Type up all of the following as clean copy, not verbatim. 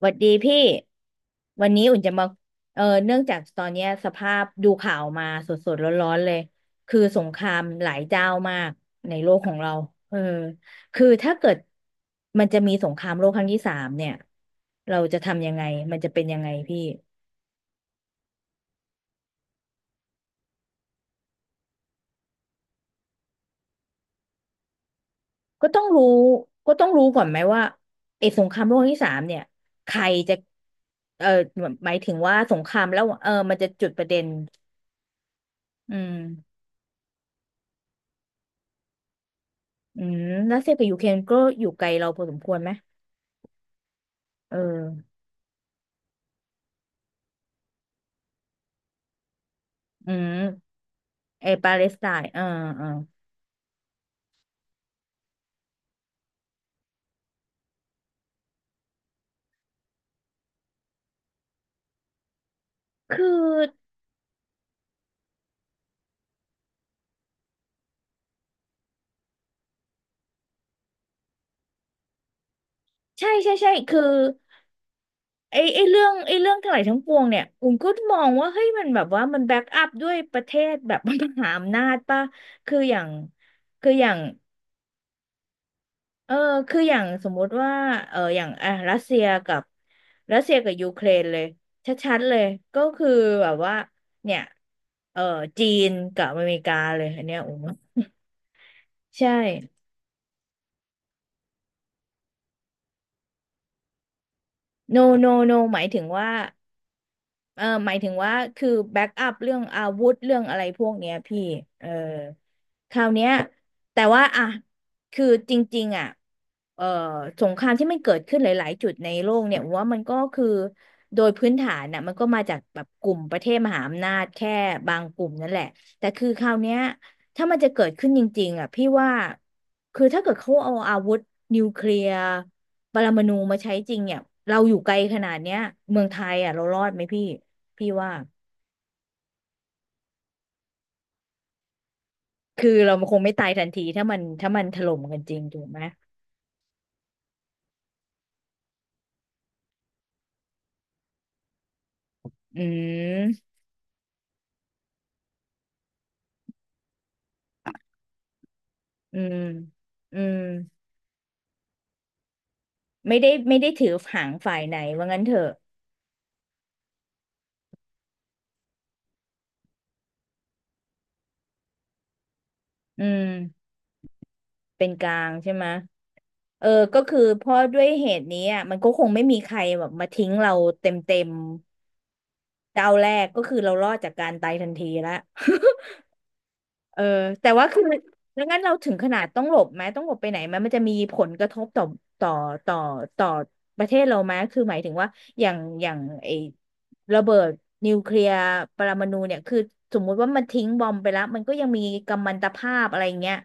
หวัดดีพี่วันนี้อุ่นจะมาอเนื่องจากตอนเนี้ยสภาพดูข่าวมาสดๆร้อนๆเลย คือสงครามหลายเจ้ามากในโลกของเราเออคือถ้าเกิดมันจะมีสงครามโลกครั้งที่สามเนี่ยเราจะทำยังไงมันจะเป็นยังไงพี่ก็ต้องรู้ก็ต้องรู้ก่อนไหมว่าไอ้สงครามโลกครั้งที่สามเนี่ยใครจะเออหมายถึงว่าสงครามแล้วมันจะจุดประเด็นอืม อืมรัสเซียกับยูเครนก็อยู่ไกลเราพอสมควรไหมเอออืมไอปาเลสไตน์เออคือใช่ใช่ใช่คือไอไอเรื่องไอเรื่องทั้งหลายทั้งปวงเนี่ยอุ้มก็มองว่าเฮ้ยมันแบบว่ามันแบ็กอัพด้วยประเทศแบบ มหาอำนาจป่ะคืออย่างคืออย่างเออคืออย่างสมมุติว่าอย่างอ่ะรัสเซียกับยูเครนเลยชัดๆเลยก็คือแบบว่าเนี่ยเออจีนกับอเมริกาเลยอันเนี้ยอุ้ม ใช่ no no no หมายถึงว่า หมายถึงว่าคือแบ็กอัพเรื่องอาวุธเรื่องอะไรพวกเนี้ยพี่อคราวเนี้ยแต่ว่าอ่ะคือจริงๆอ่ะเออสงครามที่มันเกิดขึ้นหลายๆจุดในโลกเนี่ยผมว่ามันก็คือโดยพื้นฐานน่ะมันก็มาจากแบบกลุ่มประเทศมหาอำนาจแค่บางกลุ่มนั่นแหละแต่คือคราวเนี้ยถ้ามันจะเกิดขึ้นจริงๆอ่ะพี่ว่าคือถ้าเกิดเขาเอาอาวุธนิวเคลียร์ปรมาณูมาใช้จริงเนี่ยเราอยู่ไกลขนาดเนี้ยเมืองไทยอ่ะเรารอดไหมพี่ พี่ว่าคือเราคงไม่ตายทันทีถ้ามันถล่มกันจริงถูกไหมอืมอืมอืมไม่ได้ไม่ได้ถือหางฝ่ายไหนว่างั้นเถอะอืมเป็นกลางใช่ไหมเออก็คือเพราะด้วยเหตุนี้อ่ะมันก็คงไม่มีใครแบบมาทิ้งเราเต็มเต็มเจ้าแรกก็คือเรารอดจากการตายทันทีละ เออแต่ว่าคือแล้วงั้นเราถึงขนาดต้องหลบไหมต้องหลบไปไหนไหมมันจะมีผลกระทบต่อต่อต่อต่อประเทศเราไหมคือหมายถึงว่าอย่างอย่างไอ้ระเบิดนิวเคลียร์ปรมาณูเนี่ยคือสมมุติว่ามันทิ้งบอมไปแล้วมันก็ยังมีกัมมันตภาพอะไรอย่างเงี้ย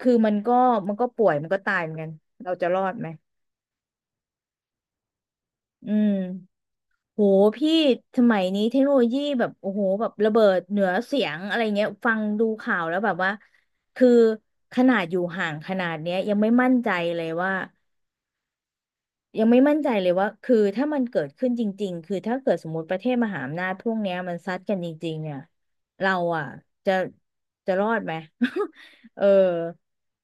คือมันก็ป่วยมันก็ตายเหมือนกันเราจะรอดไหมอืม โหพี่สมัยนี้เทคโนโลยีแบบโอ้โหแบบระเบิดเหนือเสียงอะไรเงี้ยฟังดูข่าวแล้วแบบว่าคือขนาดอยู่ห่างขนาดเนี้ยยังไม่มั่นใจเลยว่า ยังไม่มั่นใจเลยว่า คือถ้ามันเกิดขึ้นจริงๆ คือถ้าเกิดสมมติประเทศมหาอำนาจพวกเนี้ยมันซัดกันจริงๆเนี่ยเราอ่ะจะจะรอดไหม เออ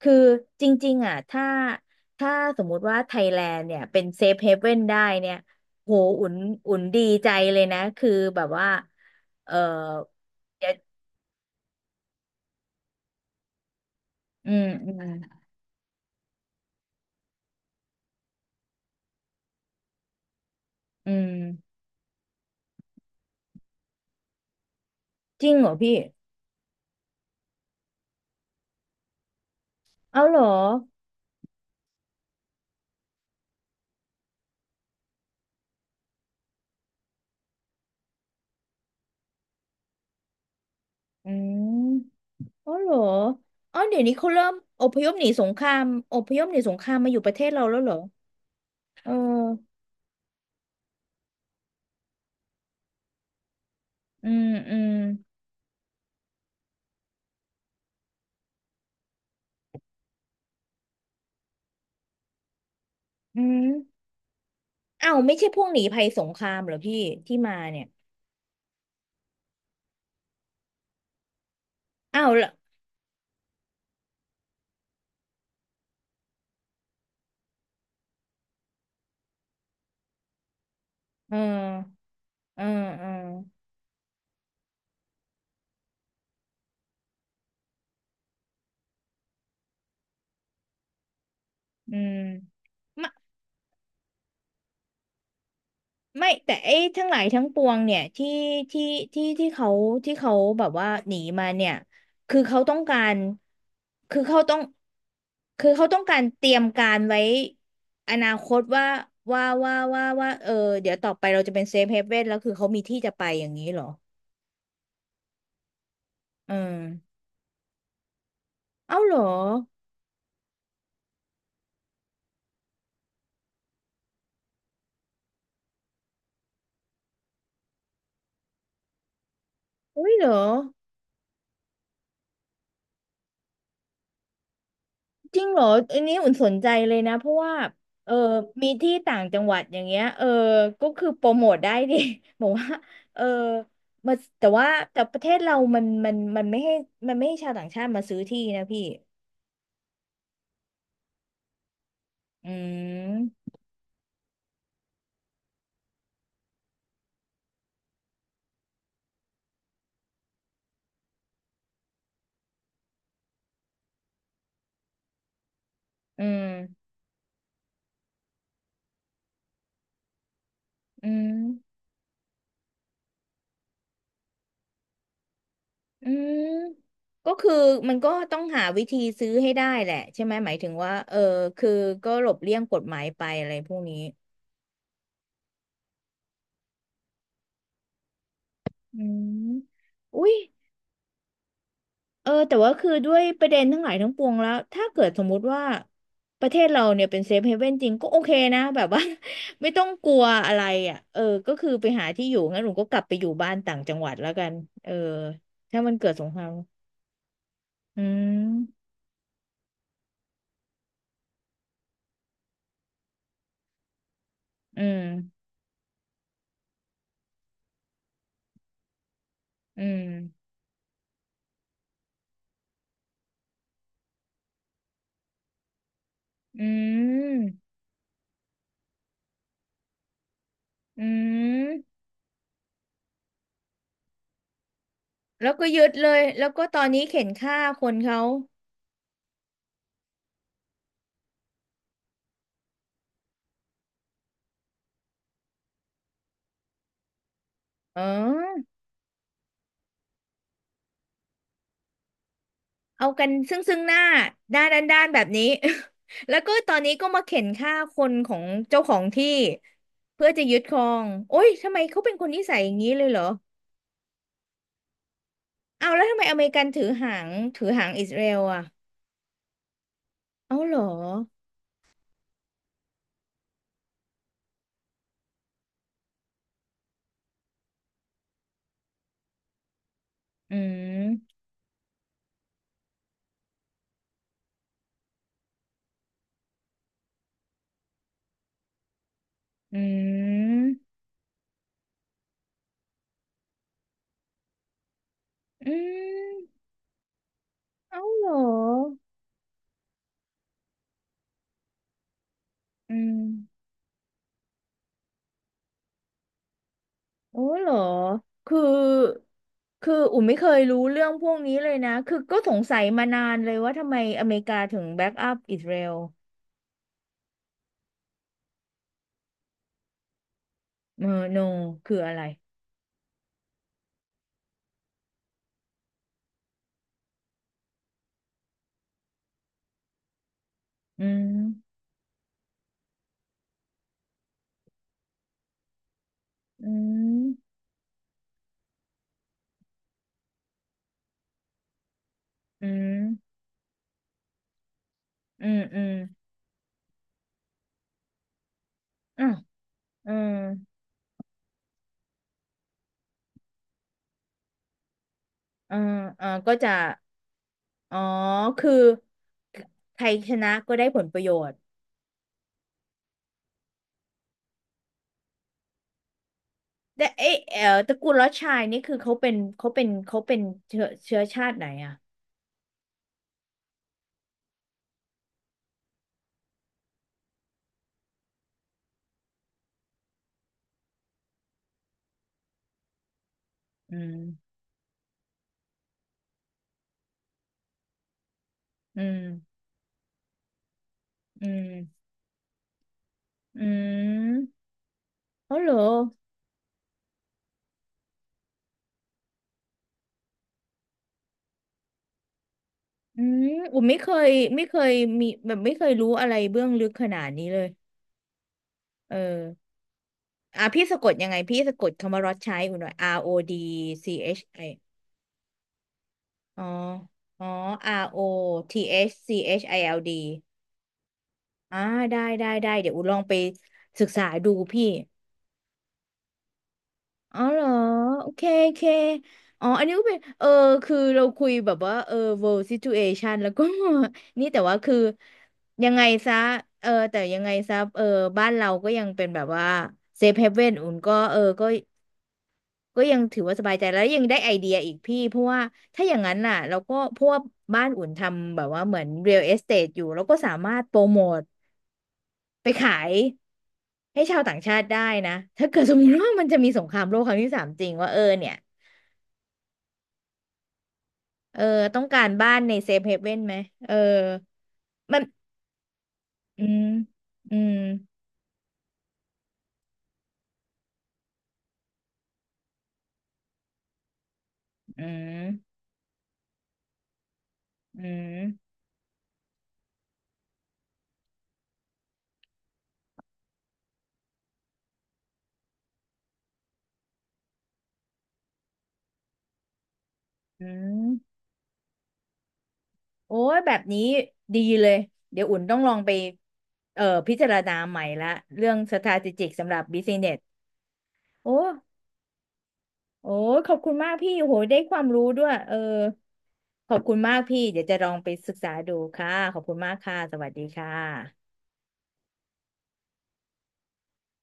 คือจริงๆอ่ะถ้าสมมุติว่าไทยแลนด์เนี่ยเป็นเซฟเฮเว่นได้เนี่ย โหอุ่นอุ่นดีใจเลยนะ คือแบบว่า เออจอืมอืมอืมจริงเหรอพี่ เอาเหรออืม อ๋อเหรออ๋อเดี๋ยวนี้เขาเริ่มอพยพหนีสงครามอพยพหนีสงครามมาอยู่ประเทศเราแล้วเหรอเอออืมอืมอืมอ้าวไม่ใช่พวกหนีภัยสงครามเหรอพี่ที่มาเนี่ยอ้าวละเออเออเอออืม ไม่แต่ไอ้ทั้งหลายทั้งปวงเนี่ยที่ที่ที่เขาที่เขาแบบว่าหนีมาเนี่ยคือเขาต้องการคือเขาต้องคือเขาต้องการเตรียมการไว้อนาคตว่าว่าว่าว่าว่าเออเดี๋ยวต่อไปเราจะเป็นเซฟเฮเว่นแล้วคือเขามีที่จะไปอย่างนี้เหรออืมเอ้าเหรออุ้ยเหรอ จริงเหรออันนี้อุ่นสนใจเลยนะเพราะว่าเออมีที่ต่างจังหวัดอย่างเงี้ยก็คือโปรโมทได้ดิ บอกว่าเออมาแต่ว่าแต่ประเทศเรามันไม่ให้มันไม่ให้ชาวต่างชาติมาซื้อที่นะพี่อืมอืมอืมอืมก็คือมันก็ต้องหาวิธีซื้อให้ได้แหละใช่ไหมหมายถึงว่าคือก็หลบเลี่ยงกฎหมายไปอะไรพวกนี้อืมอุ้ย แต่ว่าคือด้วยประเด็นทั้งหลายทั้งปวงแล้วถ้าเกิดสมมุติว่าประเทศเราเนี่ยเป็นเซฟเฮเว่นจริงก็โอเคนะแบบว่า ไม่ต้องกลัวอะไรอ่ะก็คือไปหาที่อยู่งั้นหนูก็กลับไปอยู่บ้านต่างจังหวัดแล้วกันเออถ้ามันเกิดสงครามอืมอืมอืมอืมอืมแล้วก็ยึดเลยแล้วก็ตอนนี้เข็นฆ่าคนเขาเอ๋อ เอากันซึ่งซึ่งหน้าด้านแบบนี้ แล้วก็ตอนนี้ก็มาเข็นฆ่าคนของเจ้าของที่เพื่อจะยึดครองโอ้ยทำไมเขาเป็นคนนิสัยอย่างนี้เลยเหรอเอาแล้วทำไมอเมริกันถือหางอิสราเอลอ่ะเอาเหรออืมอืมอืมเอาเหรออืมโอ้เหรอคือคืออุ่นไม่เคยรู้เรื่องพวกนี้เลยนะคือก็สงสัยมานานเลยว่าทำไมอเมริกาถึงแบ็กอัพอิสราเอล เออโนคืออะไรอืมอืมอืมอืมอืมอ่ะเออเออเออก็จะอ๋อคือใครชนะก็ได้ผลประโยชน์แต่เอ๊ะเออตระกูลลอดชายนี่คือเขาเป็นเชื้อชาติไหนอ่ะอืมอืมอืมอืมเขาเหรออืมอุมไม่เคยมีแบบไม่เคยรู้อะไรเบื้องลึกขนาดนี้เลยเออ อ่ะพี่สะกดยังไงพี่สะกดคำว่ารอดชัยอุ่นหน่อย R O D C H I อชไออ๋อ อ๋อ R O T H C H I L D อชซีเอชไอแอลดีอ่าได้ได้ได้เดี๋ยวอุ่นลองไปศึกษาดูพี่อ๋อเหรอโอเคโอเคอ๋ออันนี้ก็เป็นเออคือเราคุยแบบว่าเออ world situation แล้วก็ นี่แต่ว่าคือยังไงซะเออแต่ยังไงซะเออบ้านเราก็ยังเป็นแบบว่า safe haven อุ่นก็เออก็ ก็ยังถือว่าสบายใจแล้วยังได้ไอเดียอีกพี่เพราะว่าถ้าอย่างนั้นน่ะเราก็พวกบ้านอุ่นทำแบบว่าเหมือน real estate อยู่เราก็สามารถโปรโมทไปขายให้ชาวต่างชาติได้นะถ้าเกิดสมมติว่ามันจะมีสงครามโลกครั้งที่สามจริงว่าเออเนี่ยเออต้องการบ้านในเซฟเฮเว่นไหมเออมันอืมอืมอืมอืมอืมโอ้ยแบบนี้ดีเลยเดี๋ยวอุ่นต้องลองไปพิจารณาใหม่ละเรื่อง strategic สำหรับ business โอ้โอ้ ขอบคุณมากพี่โหได้ความรู้ด้วยเออขอบคุณมากพี่ เดี๋ยวจะลองไปศึกษาดูค่ะ ขอบคุณมากค่ะ สวัสดีค่ะ